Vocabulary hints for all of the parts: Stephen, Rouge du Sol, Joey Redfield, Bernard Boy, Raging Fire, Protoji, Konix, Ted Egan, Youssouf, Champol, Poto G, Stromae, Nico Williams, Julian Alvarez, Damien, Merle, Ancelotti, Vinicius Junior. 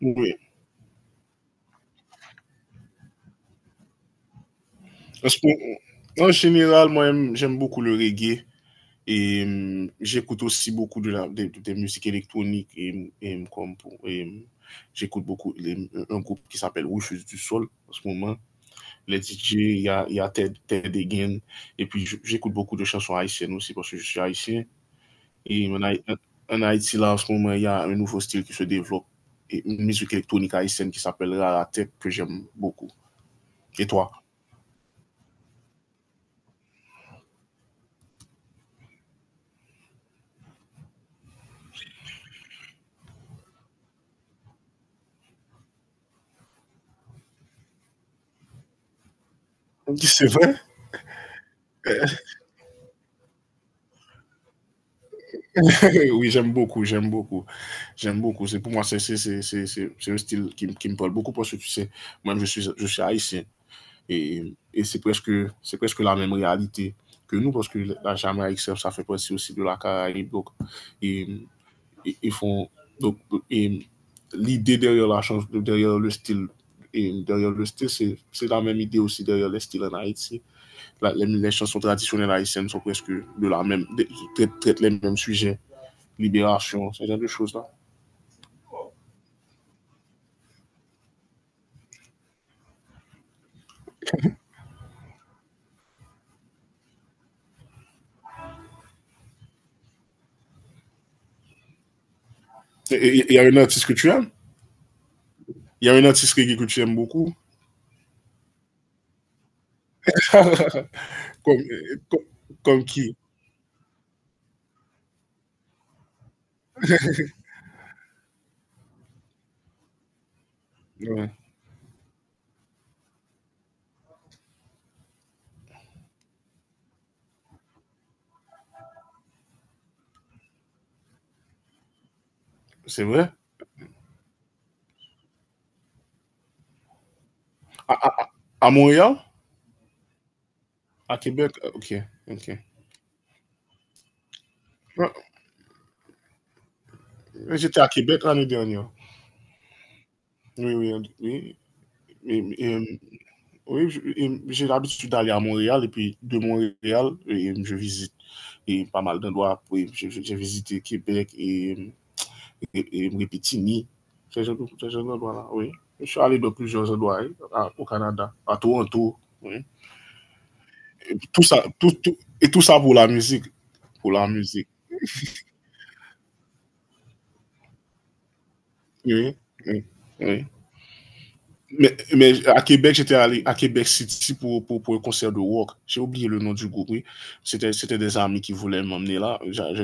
Oui. Parce que, en général, moi, j'aime beaucoup le reggae et j'écoute aussi beaucoup de la, des musiques électroniques et j'écoute un groupe qui s'appelle Rouge du Sol en ce moment. Les DJ, il y a Ted Egan. Et puis, j'écoute beaucoup de chansons haïtiennes aussi parce que je suis haïtien. Et en, Haï- en Haïti, là, en ce moment, il y a un nouveau style qui se développe et une musique électronique haïtienne qui s'appelle la tête que j'aime beaucoup. Et toi? C'est vrai? Oui, j'aime beaucoup. J'aime beaucoup. C'est pour moi, c'est un style qui me parle beaucoup parce que tu sais, moi-même, je suis haïtien. Et, et c'est c'est presque la même réalité que nous parce que la Jamaïque, ça fait partie aussi de la Caraïbe. Donc, et, ils font. Donc, et l'idée derrière la chanson derrière le style. Et derrière le style, c'est la même idée aussi derrière les styles en Haïti. Les chansons traditionnelles haïtiennes sont presque de la même, traitent les mêmes sujets. Libération, ce genre de choses-là. Il y a un artiste que tu aimes. Il y a un artiste reggae que tu aimes beaucoup. Comme, comme, comme qui? Ouais. C'est vrai. à, à, à Montréal. À Québec. Ok, ok. Ah, j'étais à Québec l'année dernière. Oui. Oui, Et, et, oui, et j'ai l'habitude d'aller à Montréal et puis de Montréal, et je visite pas mal d'endroits. Oui, j'ai visité Québec et et Mripitini, ces gens là. Oui. Je suis allé dans plusieurs endroits hein, au Canada, à Toronto. Oui. Tout ça, et tout ça pour la musique, pour la musique. oui, oui, oui. Mais à Québec, j'étais allé à Québec City pour, pour un concert de rock. J'ai oublié le nom du groupe, oui. C'était des amis qui voulaient m'emmener là.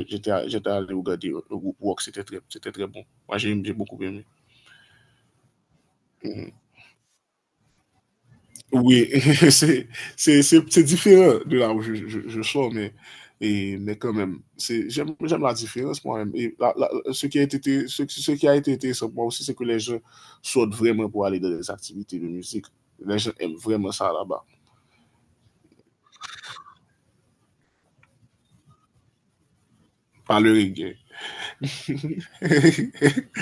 J'étais allé regarder le groupe rock, c'était très bon. Moi, j'ai beaucoup aimé. Mhm. Oui, c'est c'est différent de là où je sors, mais, et, mais quand même, c'est, j'aime la différence moi-même. Et ce qui a ce qui a été intéressant pour moi aussi, c'est que les gens sortent vraiment pour aller dans des activités de musique. Les gens aiment vraiment ça là-bas, pas le reggae.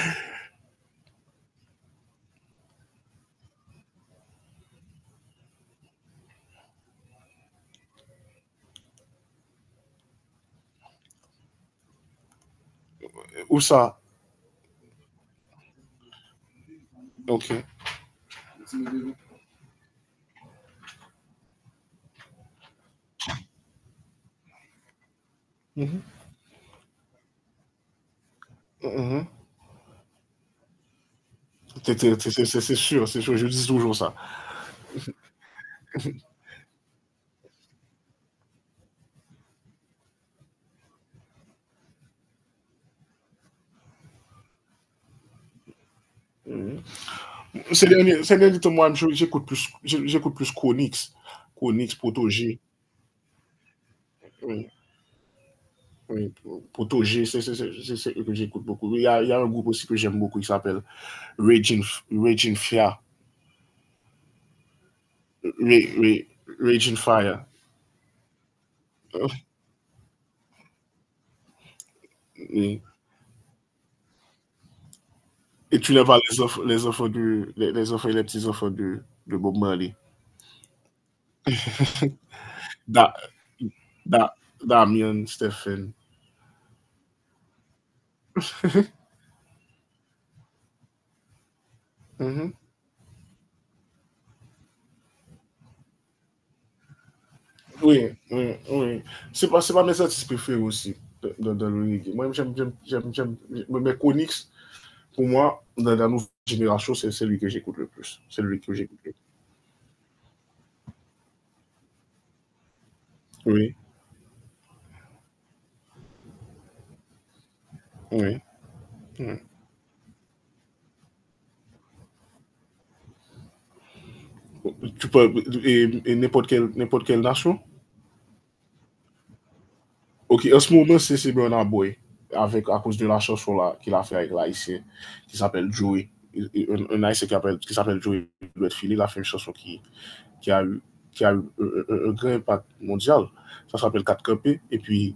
Ou ça, ok. Mhm. Mhm. C'est sûr, je dis toujours ça. Mhm. Ces derniers temps, moi, j'écoute plus, j'écoute plus Konix, Konix, Protoji. Oui, Poto G, c'est ce que j'écoute beaucoup. Il y a un groupe aussi que j'aime beaucoup qui s'appelle Raging, Raging, Fire. Raging, Raging Fire. Et, et tu n'es pas les enfants, les enfants et les petits enfants de Bob Marley. Da, da, Damien, Stephen. Mm -hmm. Oui, oui. C'est pas mes artistes préférés aussi dans, dans le reggae. Moi, j'aime mais Konix, pour moi, dans la nouvelle génération, c'est celui que j'écoute le plus. C'est lui que j'écoute le plus. Oui. Oui. Oui. Tu peux, et n'importe quelle nation. Ok, en ce moment, c'est Bernard Boy, avec, à cause de la chanson là, qu'il a fait avec l'haïtien, qui s'appelle Joey. Un haïtien qui, qui s'appelle Joey Redfield, il a fait une chanson qui a eu, qui a eu un grand impact mondial. Ça s'appelle 4 Copés.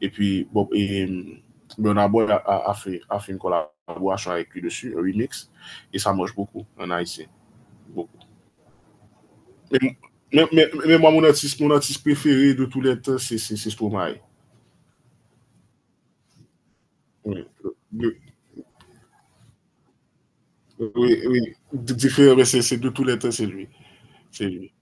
Et puis Bob, et, Boy a, a fait une collaboration avec lui dessus, un remix. Et ça marche beaucoup en Haïti. Beaucoup. mais mais moi mon artiste préféré de tous tout letan, c'est Stromae. Oui, oui. Diferè, c'est de tous les temps c'est lui. C'est lui.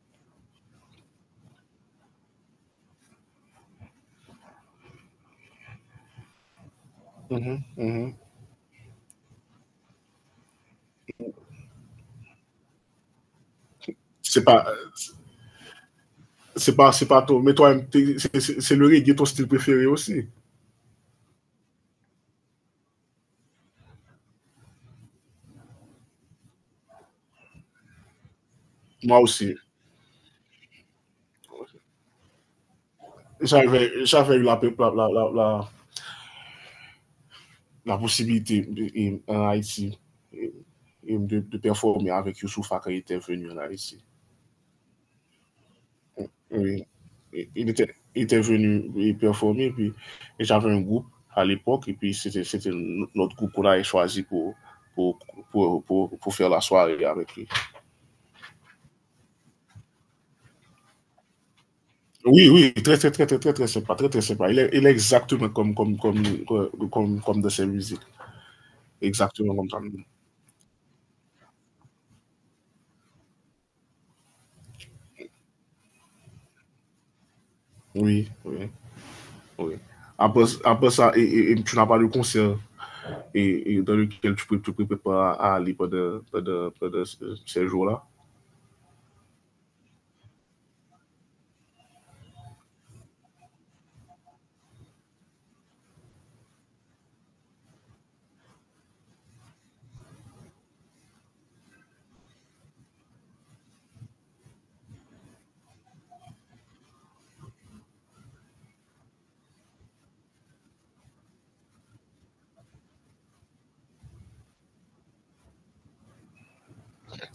Se pa, c'est pas mais toi, c'est le reggae ton style préféré aussi. Moi aussi. J'avè la, la posibilite en Haiti de performe avèk Youssouf akè itè venu en Haiti. Oui. Il était venu y performer, puis et j'avais un groupe à l'époque, et puis c'était notre groupe qu'on avait choisi pour, pour, pour faire la soirée avec lui. Très sympa, très sympa. Il est exactement comme de ses musiques. Exactement comme ça. Oui, oui, oui. Après, après ça, et, et tu n'as pas de concert et dans lequel tu peux pas à aller pendant ces jours-là.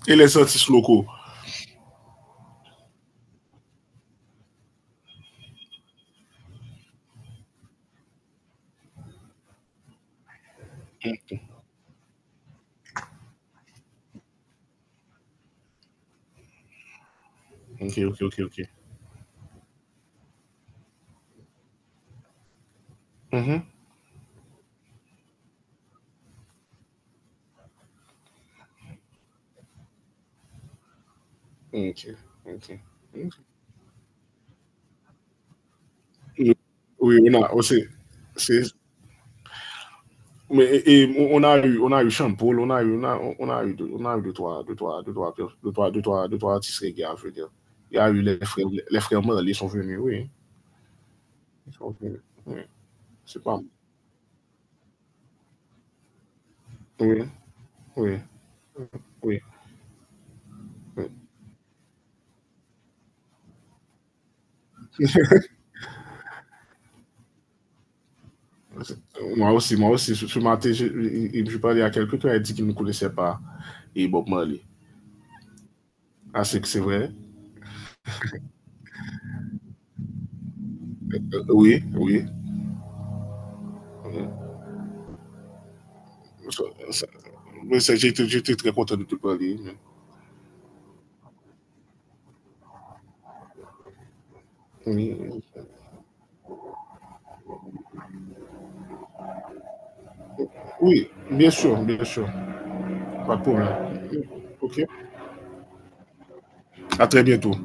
Et les artistes locaux. Okay. Mm-hmm. Okay, okay. Okay. Oui, on a aussi. Mais et, on a eu Champol, on a eu, on a eu deux trois, deux trois, deux trois, deux trois, deux trois, deux trois artistes reggae, je veux dire. Il y a eu les frères Merle, ils sont venus, oui, ils sont venus. Oui, c'est pas. Oui, oui, oui. Oui. Moi aussi, ce ce matin, je parlais à quelqu'un qui a dit qu'il ne connaissait pas et Bob Marley. Ah, c'est que c'est vrai? Oui, oui. Euh, Ça, ça, mais ça, j'étais très content de te parler, hein. Oui, oui bien sûr, bien sûr. Pas de problème. OK. À très bientôt.